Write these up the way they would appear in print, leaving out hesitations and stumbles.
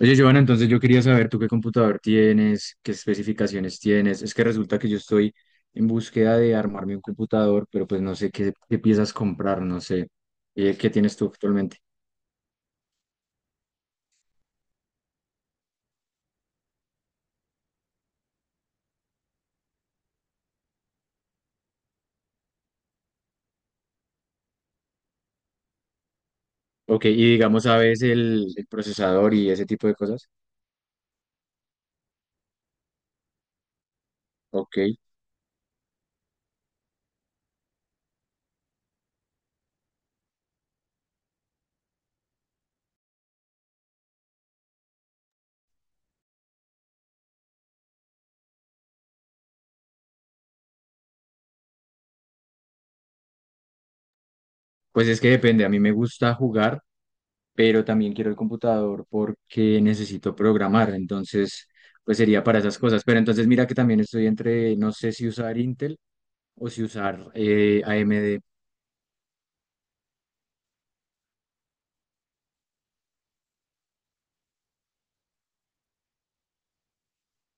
Oye, Giovanna, entonces yo quería saber tú qué computador tienes, qué especificaciones tienes. Es que resulta que yo estoy en búsqueda de armarme un computador, pero pues no sé qué piezas comprar, no sé. ¿Qué tienes tú actualmente? Ok, y digamos, ¿sabes el procesador y ese tipo de cosas? Ok, pues es que depende. A mí me gusta jugar, pero también quiero el computador porque necesito programar. Entonces, pues sería para esas cosas. Pero entonces mira que también estoy entre, no sé si usar Intel o si usar AMD.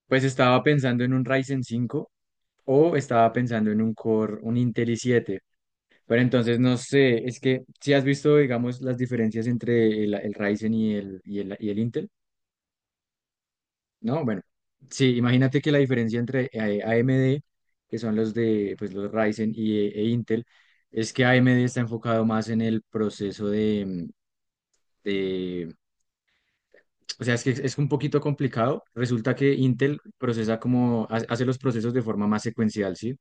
Pues estaba pensando en un Ryzen 5 o estaba pensando en un Core, un Intel i7. Pero entonces no sé, es que si has visto, digamos, las diferencias entre el Ryzen y el Intel, ¿no? Bueno, sí, imagínate que la diferencia entre AMD, que son los de, pues los Ryzen y, e Intel, es que AMD está enfocado más en el proceso de, de- o sea, es que es un poquito complicado. Resulta que Intel procesa como, hace los procesos de forma más secuencial, ¿sí?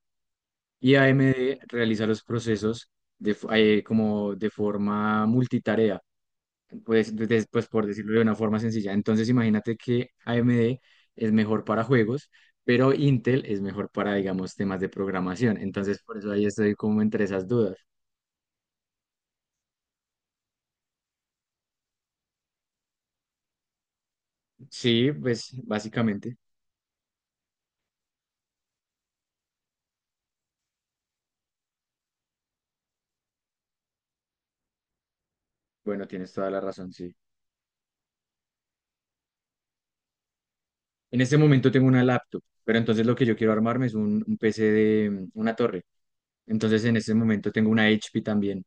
Y AMD realiza los procesos de, como de forma multitarea, pues, pues por decirlo de una forma sencilla. Entonces imagínate que AMD es mejor para juegos, pero Intel es mejor para, digamos, temas de programación. Entonces por eso ahí estoy como entre esas dudas. Sí, pues básicamente, bueno, tienes toda la razón, sí. En este momento tengo una laptop, pero entonces lo que yo quiero armarme es un PC de una torre. Entonces en este momento tengo una HP también.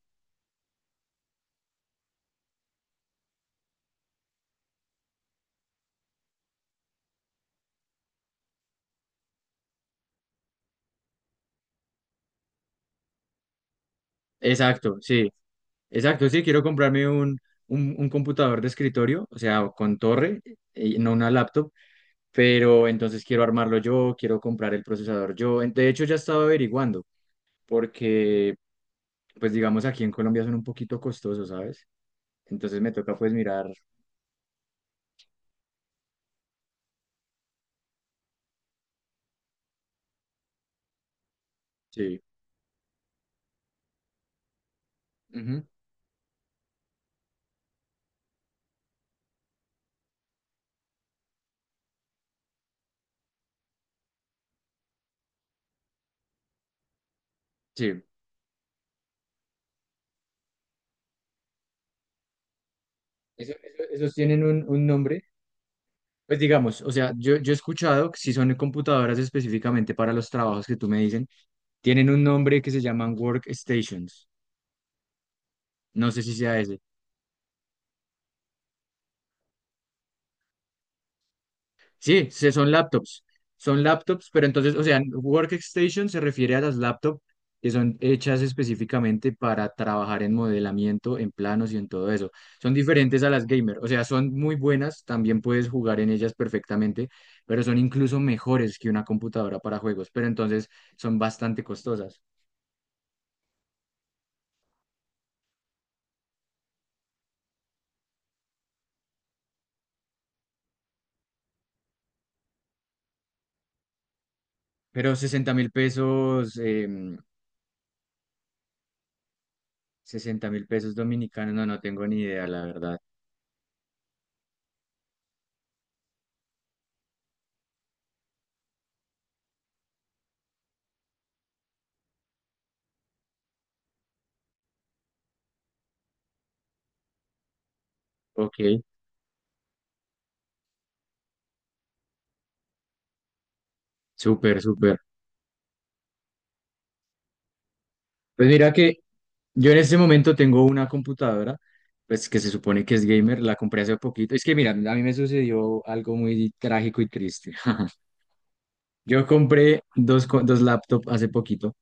Exacto, sí. Exacto, sí, quiero comprarme un computador de escritorio, o sea, con torre, no una laptop, pero entonces quiero armarlo yo, quiero comprar el procesador yo. De hecho, ya estaba averiguando, porque, pues digamos, aquí en Colombia son un poquito costosos, ¿sabes? Entonces me toca pues mirar, sí, ujú, sí, esos tienen un nombre. Pues digamos, o sea, yo he escuchado que si son computadoras específicamente para los trabajos que tú me dicen, tienen un nombre que se llaman workstations. No sé si sea ese. Sí, son laptops, pero entonces, o sea, workstation se refiere a las laptops que son hechas específicamente para trabajar en modelamiento, en planos y en todo eso. Son diferentes a las gamer, o sea, son muy buenas, también puedes jugar en ellas perfectamente, pero son incluso mejores que una computadora para juegos, pero entonces son bastante costosas. Pero 60 mil pesos, 60 mil pesos dominicanos, no, no tengo ni idea, la verdad. Ok, súper, súper. Pues mira que yo en este momento tengo una computadora, pues que se supone que es gamer, la compré hace poquito. Es que mira, a mí me sucedió algo muy trágico y triste. Yo compré dos laptops hace poquito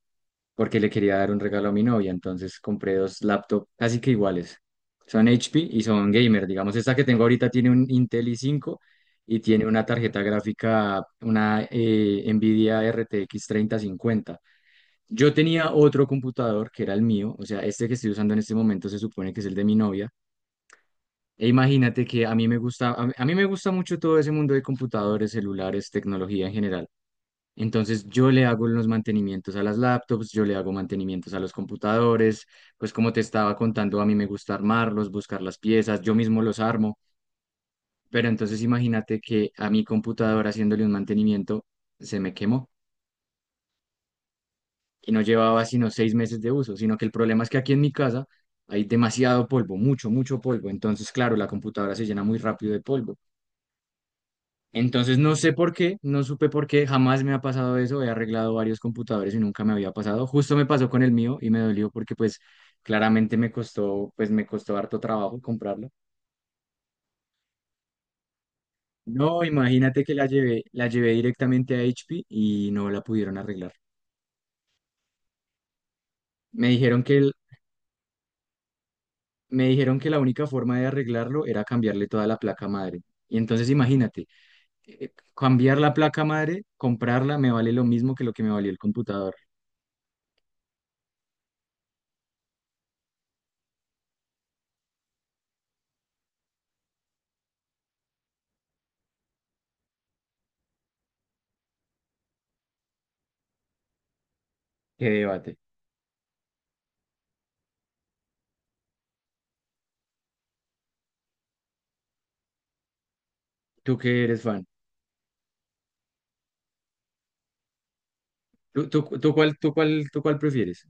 porque le quería dar un regalo a mi novia, entonces compré dos laptops casi que iguales. Son HP y son gamer, digamos. Esta que tengo ahorita tiene un Intel i5 y tiene una tarjeta gráfica, una Nvidia RTX 50. Yo tenía otro computador que era el mío, o sea, este que estoy usando en este momento se supone que es el de mi novia. E imagínate que a mí me gusta, a mí me gusta mucho todo ese mundo de computadores, celulares, tecnología en general. Entonces yo le hago los mantenimientos a las laptops, yo le hago mantenimientos a los computadores, pues como te estaba contando, a mí me gusta armarlos, buscar las piezas, yo mismo los armo. Pero entonces imagínate que a mi computador haciéndole un mantenimiento se me quemó. Y no llevaba sino 6 meses de uso, sino que el problema es que aquí en mi casa hay demasiado polvo, mucho, mucho polvo. Entonces, claro, la computadora se llena muy rápido de polvo. Entonces, no sé por qué, no supe por qué, jamás me ha pasado eso. He arreglado varios computadores y nunca me había pasado. Justo me pasó con el mío y me dolió porque pues claramente me costó, pues me costó harto trabajo comprarlo. No, imagínate que la llevé directamente a HP y no la pudieron arreglar. Me dijeron que Me dijeron que la única forma de arreglarlo era cambiarle toda la placa madre. Y entonces imagínate, cambiar la placa madre, comprarla, me vale lo mismo que lo que me valió el computador. Qué debate. ¿Tú qué eres fan? ¿Tú cuál prefieres?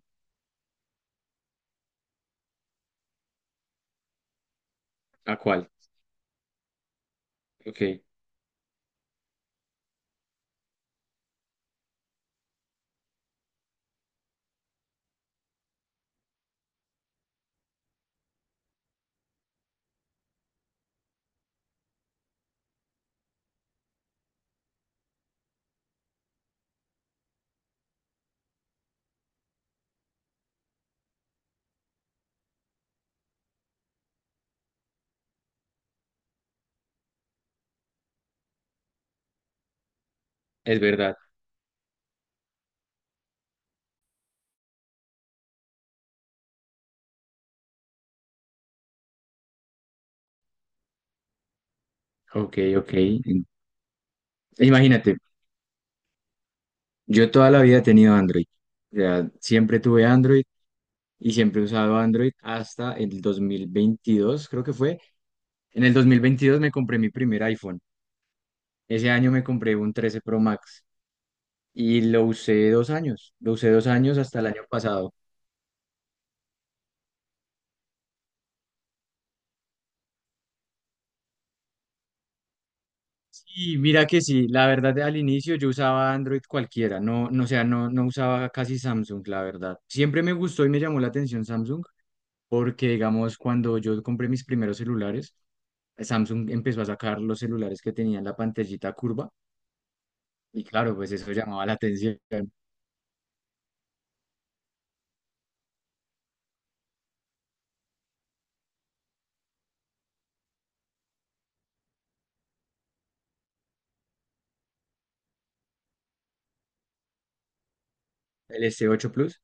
¿A cuál? Ok, es verdad. Ok, ok. Imagínate, yo toda la vida he tenido Android. O sea, siempre tuve Android y siempre he usado Android hasta el 2022, creo que fue. En el 2022 me compré mi primer iPhone. Ese año me compré un 13 Pro Max y lo usé 2 años. Lo usé dos años hasta el año pasado. Sí, mira que sí, la verdad al inicio yo usaba Android cualquiera, o sea, no usaba casi Samsung, la verdad. Siempre me gustó y me llamó la atención Samsung porque, digamos, cuando yo compré mis primeros celulares, Samsung empezó a sacar los celulares que tenían la pantallita curva y claro, pues eso llamaba la atención. El S8 Plus.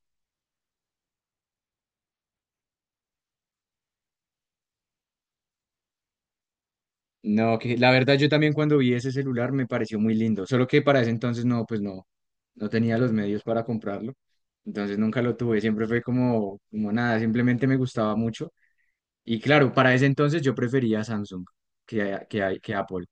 No, que la verdad yo también cuando vi ese celular me pareció muy lindo, solo que para ese entonces no, no tenía los medios para comprarlo, entonces nunca lo tuve, siempre fue como, como nada, simplemente me gustaba mucho y claro, para ese entonces yo prefería Samsung que Apple.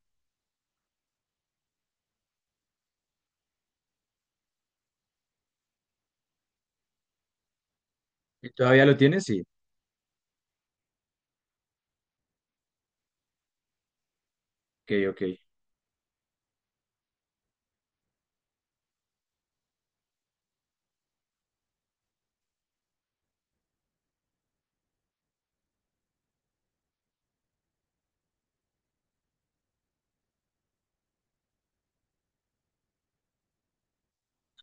¿Y ¿todavía lo tienes? Sí, ok, ok.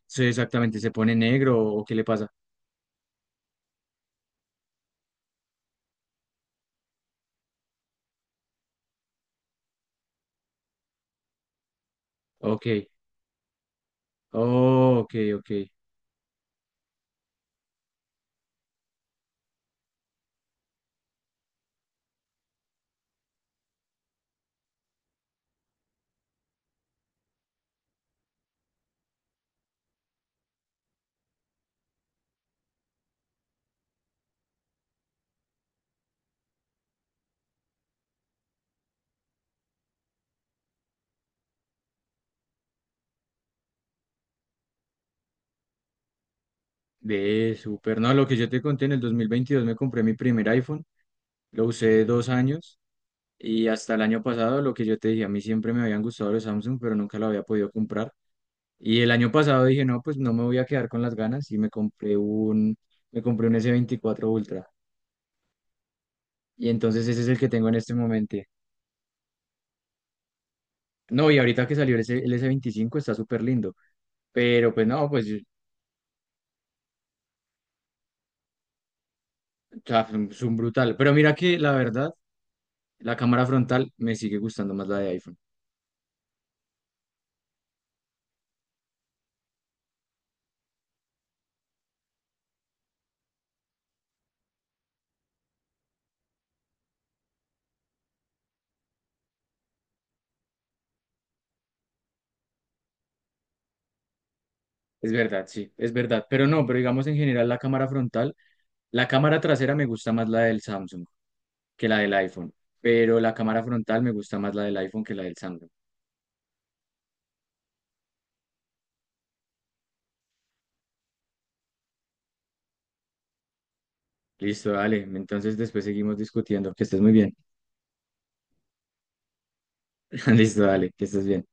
Sí, exactamente, ¿se pone negro o qué le pasa? Ok, oh, ok, ok. Ve, súper, no, lo que yo te conté en el 2022 me compré mi primer iPhone, lo usé 2 años. Y hasta el año pasado, lo que yo te dije, a mí siempre me habían gustado los Samsung, pero nunca lo había podido comprar. Y el año pasado dije, no, pues no me voy a quedar con las ganas y me compré me compré un S24 Ultra. Y entonces ese es el que tengo en este momento. No, y ahorita que salió el S25 está súper lindo, pero pues no, pues o sea, es un brutal. Pero mira que la verdad, la cámara frontal me sigue gustando más la de iPhone. Es verdad, sí, es verdad. Pero no, pero digamos en general la cámara frontal, la cámara trasera me gusta más la del Samsung que la del iPhone, pero la cámara frontal me gusta más la del iPhone que la del Samsung. Listo, dale. Entonces después seguimos discutiendo. Que estés muy bien. Listo, dale. Que estés bien.